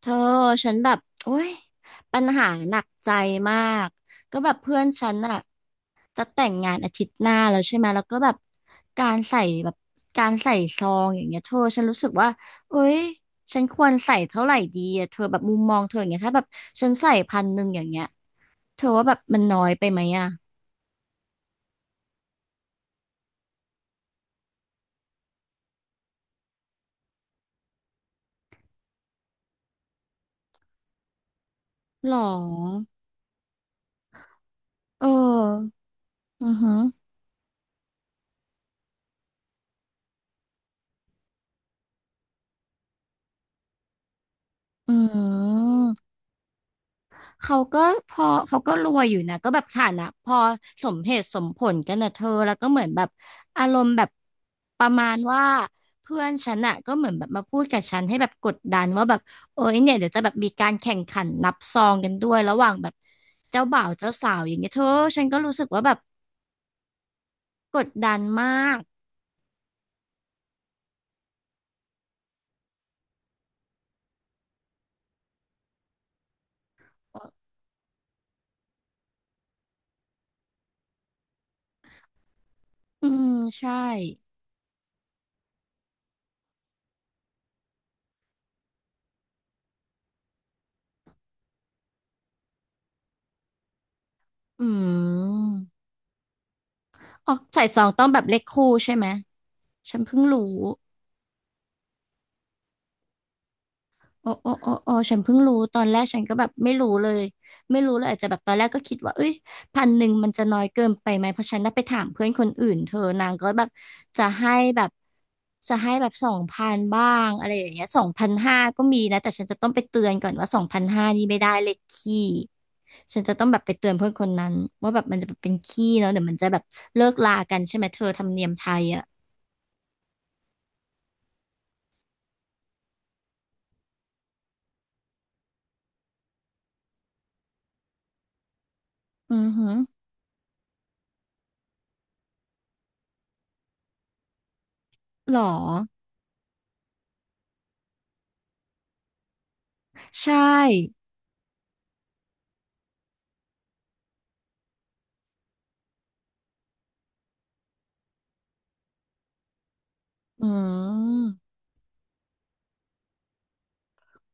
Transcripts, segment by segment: เธอฉันแบบโอ้ยปัญหาหนักใจมากก็แบบเพื่อนฉันอะจะแต่งงานอาทิตย์หน้าแล้วใช่ไหมแล้วก็แบบการใส่ซองอย่างเงี้ยเธอฉันรู้สึกว่าเอ้ยฉันควรใส่เท่าไหร่ดีอะเธอแบบมุมมองเธออย่างเงี้ยถ้าแบบฉันใส่พันหนึ่งอย่างเงี้ยเธอว่าแบบมันน้อยไปไหมอะหรอเอออือหืออืม เขาก็พอเขาก็รวยอยู่นะก็แบบฐานะพอสมเหตุสมผลกันนะเธอแล้วก็เหมือนแบบอารมณ์แบบประมาณว่าเพื่อนฉันอะก็เหมือนแบบมาพูดกับฉันให้แบบกดดันว่าแบบเอ้ยเนี่ยเดี๋ยวจะแบบมีการแข่งขันนับซองกันด้วยระหว่างแบบเจ้าบ่าวเจ้าสาวอย่างเงี้ยเธอฉันก็รู้สึกว่าแบบกดดันมากอืมใช่อืมอ๋อใส่ซองต้องแบบเลขคู่ใช่ไหมฉันเพิ่งรู้ อ๋ออ๋ออ๋ออ๋อฉันเพิ่งรู้ตอนแรกฉันก็แบบไม่รู้เลยไม่รู้เลยอาจจะแบบตอนแรกก็คิดว่าเอ้ยพันหนึ่งมันจะน้อยเกินไปไหมเพราะฉันน่ะไปถามเพื่อนคนอื่นเธอนางก็แบบจะให้แบบจะให้แบบสองพันบ้างอะไรอย่างเงี้ยสองพันห้าก็มีนะแต่ฉันจะต้องไปเตือนก่อนว่าสองพันห้านี่ไม่ได้เลยขี้ฉันจะต้องแบบไปเตือนเพื่อนคนนั้นว่าแบบมันจะเป็นขี้เนาะเดี๋ยวมันจะแบบเลิกลากันใช่ไหมเธอธรรมเนียมไทยอ่ะอือหือหรอใช่อืม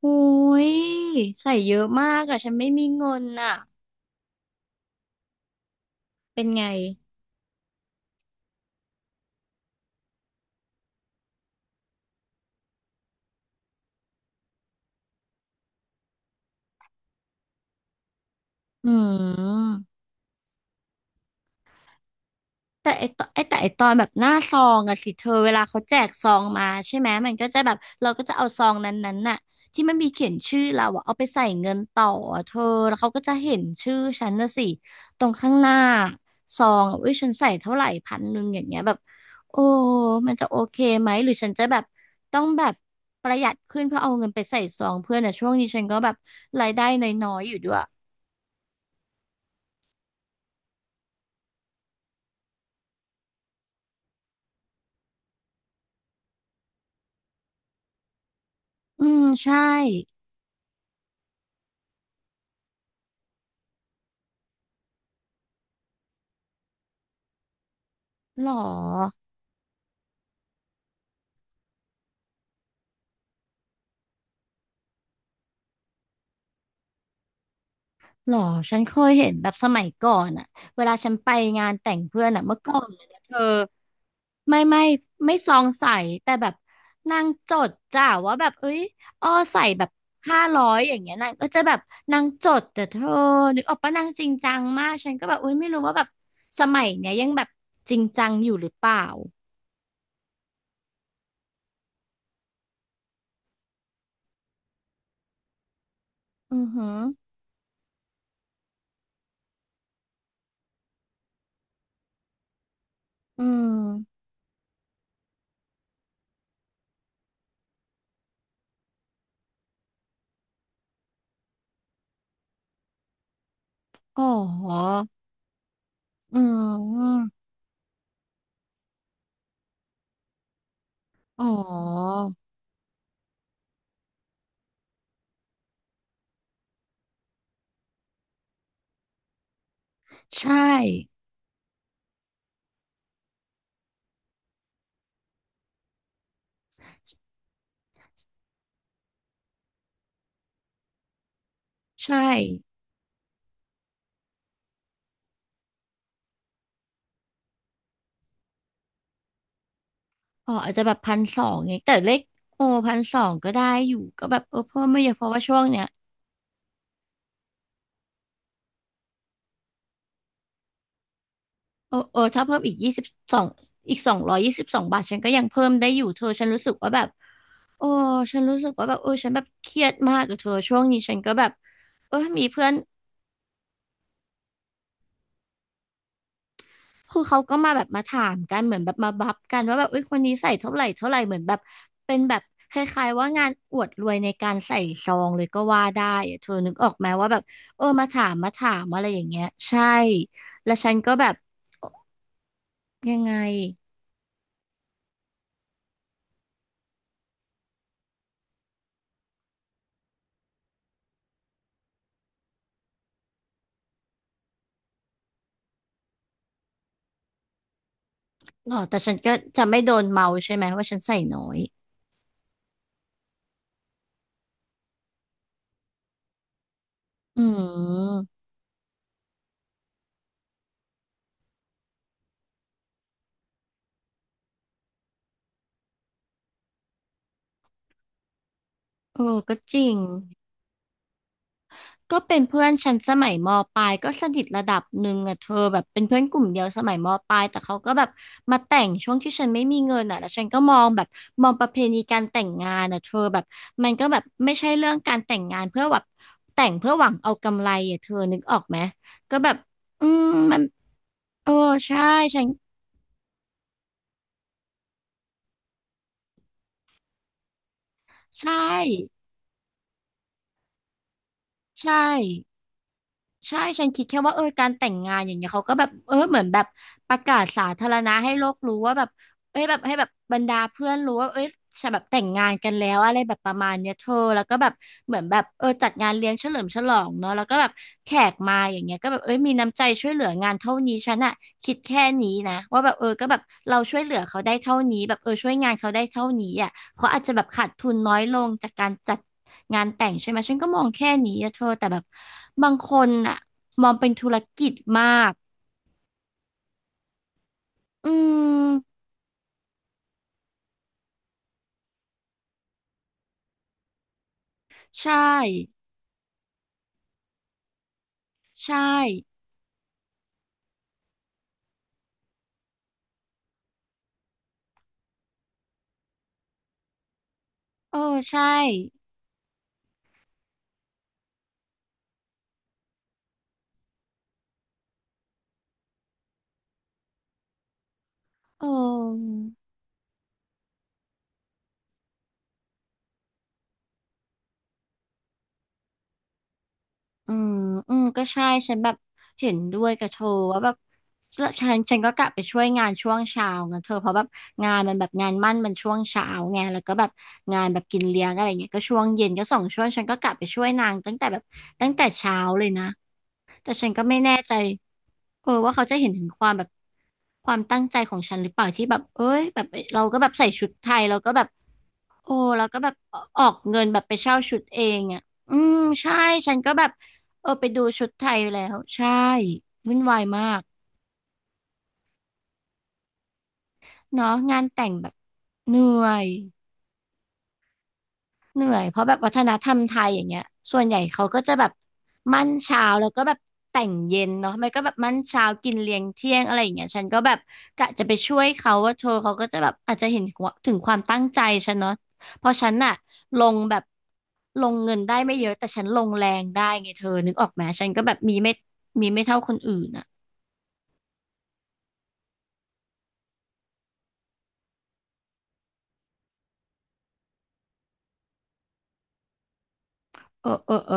โอ้ยใส่เยอะมากอะฉันไม่มีเงินอะเป็นไงอืม แต่ไอตอนแบบหน้าซองอะสิเธอเวลาเขาแจกซองมาใช่ไหมมันก็จะแบบเราก็จะเอาซองนั้นๆน่ะที่มันมีเขียนชื่อเราอะเอาไปใส่เงินต่ออะเธอแล้วเขาก็จะเห็นชื่อฉันนะสิตรงข้างหน้าซองอะอุ้ยฉันใส่เท่าไหร่พันหนึ่งอย่างเงี้ยแบบโอ้มันจะโอเคไหมหรือฉันจะแบบต้องแบบประหยัดขึ้นเพื่อเอาเงินไปใส่ซองเพื่อนอะช่วงนี้ฉันก็แบบรายได้น้อยๆอยู่ด้วยอืมใช่หรอ หรอฉันเคยเห็นแบบสมัยก่อนอะเวลาฉันไปงานแต่งเพื่อนอะเมื่อก่อนเลยนะเธอไม่ไม่ไม่ซองใสแต่แบบนางจดจ้าว่าแบบเอ้ยอ้อใส่แบบ500อย่างเงี้ยนางก็จะแบบนางจดแต่เธอนึกออกปะนางจริงจังมากฉันก็แบบเอ้ยไม่รู้ว่าแบบสมัยเนี้ยยังแบบจริงจังอยู่หรือเปล่าอือหืออืมอ๋ออืมอ๋อใช่ใช่ อ๋ออาจจะแบบพันสองเนี่ยแต่เลขโอพันสองก็ได้อยู่ก็แบบเออเพิ่มไม่เยอะเพราะว่าช่วงเนี้ยเออเออถ้าเพิ่มสองอีก222 บาทฉันก็ยังเพิ่มได้อยู่เธอฉันรู้สึกว่าแบบโอ้ฉันรู้สึกว่าแบบเออฉันแบบเครียดมากกับเธอช่วงนี้ฉันก็แบบเออมีเพื่อน คือเขาก็มาแบบมาถามกันเหมือนแบบมาบัฟกันว่าแบบเอ้ยคนนี้ใส่เท่าไหร่เท่าไหร่เหมือนแบบเป็นแบบคล้ายๆว่างานอวดรวยในการใส่ซองเลยก็ว่าได้อะเธอนึกออกไหมว่าแบบเออมาถามอะไรอย่างเงี้ยใช่แล้วฉันก็แบบยังไงหรอแต่ฉันก็จะไม่โดนเมาใช่ไหมว่าฉันใส่น้อยอืมเออก็จริง ก็เป็นเพื่อนฉันสมัยมปลายก็สนิทระดับหนึ่งอะเธอแบบเป็นเพื่อนกลุ่มเดียวสมัยมปลายแต่เขาก็แบบมาแต่งช่วงที่ฉันไม่มีเงินอะแล้วฉันก็มองแบบมองประเพณีการแต่งงานอะเธอแบบมันก็แบบไม่ใช่เรื่องการแต่งงานเพื่อแบบแต่งเพื่อหวังเอากำไรอะเธอนึกออกไหมก็แบบอืมมันเออใช่ฉันใช่ใช่ ใช่ฉันคิดแค่ว่าเออการแต่งงานอย่างเงี้ยเขาก็แบบเออเหมือนแบบประกาศสาธารณะให้โลกรู้ว่าแบบเอ้ยแบบให้แบบบรรดาเพื่อนรู้ว่าเอ้ยฉันแบบแต่งงานกันแล้วอะไรแบบประมาณเนี้ยเธอแล้วก็แบบเหมือนแบบเออจัดงานเลี้ยงเฉลิมฉลองเนาะแล้วก็แบบแขกมาอย่างเงี้ยก็แบบเอ้ยมีน้ำใจช่วยเหลืองานเท่านี้ฉันอะคิดแค่นี้นะว่าแบบเออก็แบบเราช่วยเหลือเขาได้เท่านี้แบบเออช่วยงานเขาได้เท่านี้อะ เขาอาจจะแบบขาดทุนน้อยลงจากการจัดงานแต่งใช่ไหมฉันก็มองแค่นี้อะเธอแต่แบบบางคนอะมองเป็นธุรกิจมากอืมใช่ใช่เออใช่เออ อืม อืม ก็ใช่ ฉันแบบเห็นด้วยกับเธอว่าแบบฉฉันก็กลับไปช่วยงานช่วงเช้านะเธอเพราะแบบงานมันแบบงานมั่นมันช่วงเช้าไงแล้วก็แบบงานแบบกินเลี้ยงอะไรเงี้ยก็ช่วงเย็นก็สองช่วงฉันก็กลับไปช่วยนางตั้งแต่แบบตั้งแต่เช้าเลยนะแต่ฉันก็ไม่แน่ใจเออว่าเขาจะเห็นถึงความแบบความตั้งใจของฉันหรือเปล่าที่แบบเอ้ยแบบเราก็แบบใส่ชุดไทยเราก็แบบโอ้เราก็แบบออกเงินแบบไปเช่าชุดเองอ่ะอืมใช่ฉันก็แบบ เออไปดูชุดไทยแล้วใช่วุ่นวายมากเนาะงานแต่งแบบเหนื่อยเหนื่อยเพราะแบบวัฒนธรรมไทยอย่างเงี้ยส่วนใหญ่เขาก็จะแบบมั่นเช้าแล้วก็แบบแต่งเย็นเนาะไม่ก็แบบมั่นเช้ากินเลี้ยงเที่ยงอะไรอย่างเงี้ยฉันก็แบบกะจะไปช่วยเขาว่าเธอเขาก็จะแบบอาจจะเห็นถึงความตั้งใจฉันเนาะเพราะฉันน่ะลงแบบลงเงินได้ไม่เยอะแต่ฉันลงแรงได้ไงเธอนึกออกไหมฉันก็แบบมีไม่เท่าคนอื่นอ่ะเออเออเออ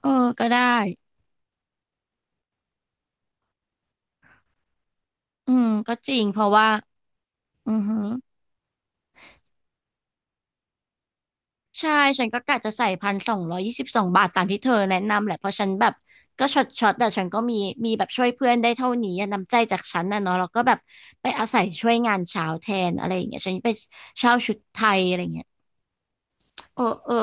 เออก็ได้อืมก็จริงเพราะว่าอือหือใช่ฉันก็กะจะใส่1,222 บาทตามที่เธอแนะนำแหละเพราะฉันแบบก็ช็อตแต่ฉันก็มีแบบช่วยเพื่อนได้เท่านี้อะน้ำใจจากฉันนะเนาะแล้วก็แบบไปอาศัยช่วยงานเช้าแทนอะไรอย่างเงี้ยฉันไปเช่าชุดไทยอะไรอย่างเงี้ยเออเออ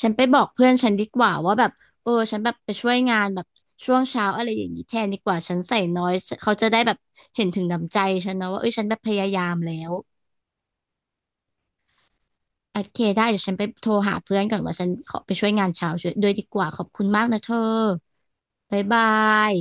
ฉันไปบอกเพื่อนฉันดีกว่าว่าแบบเออฉันแบบไปช่วยงานแบบช่วงเช้าอะไรอย่างนี้แทนดีกว่าฉันใส่น้อยเขาจะได้แบบเห็นถึงน้ำใจฉันนะว่าเอ้ยฉันแบบพยายามแล้ว โอเคได้เดี๋ยวฉันไปโทรหาเพื่อนก่อนว่าฉันขอไปช่วยงานเช้าช่วยด้วยดีกว่าขอบคุณมากนะเธอบ๊ายบาย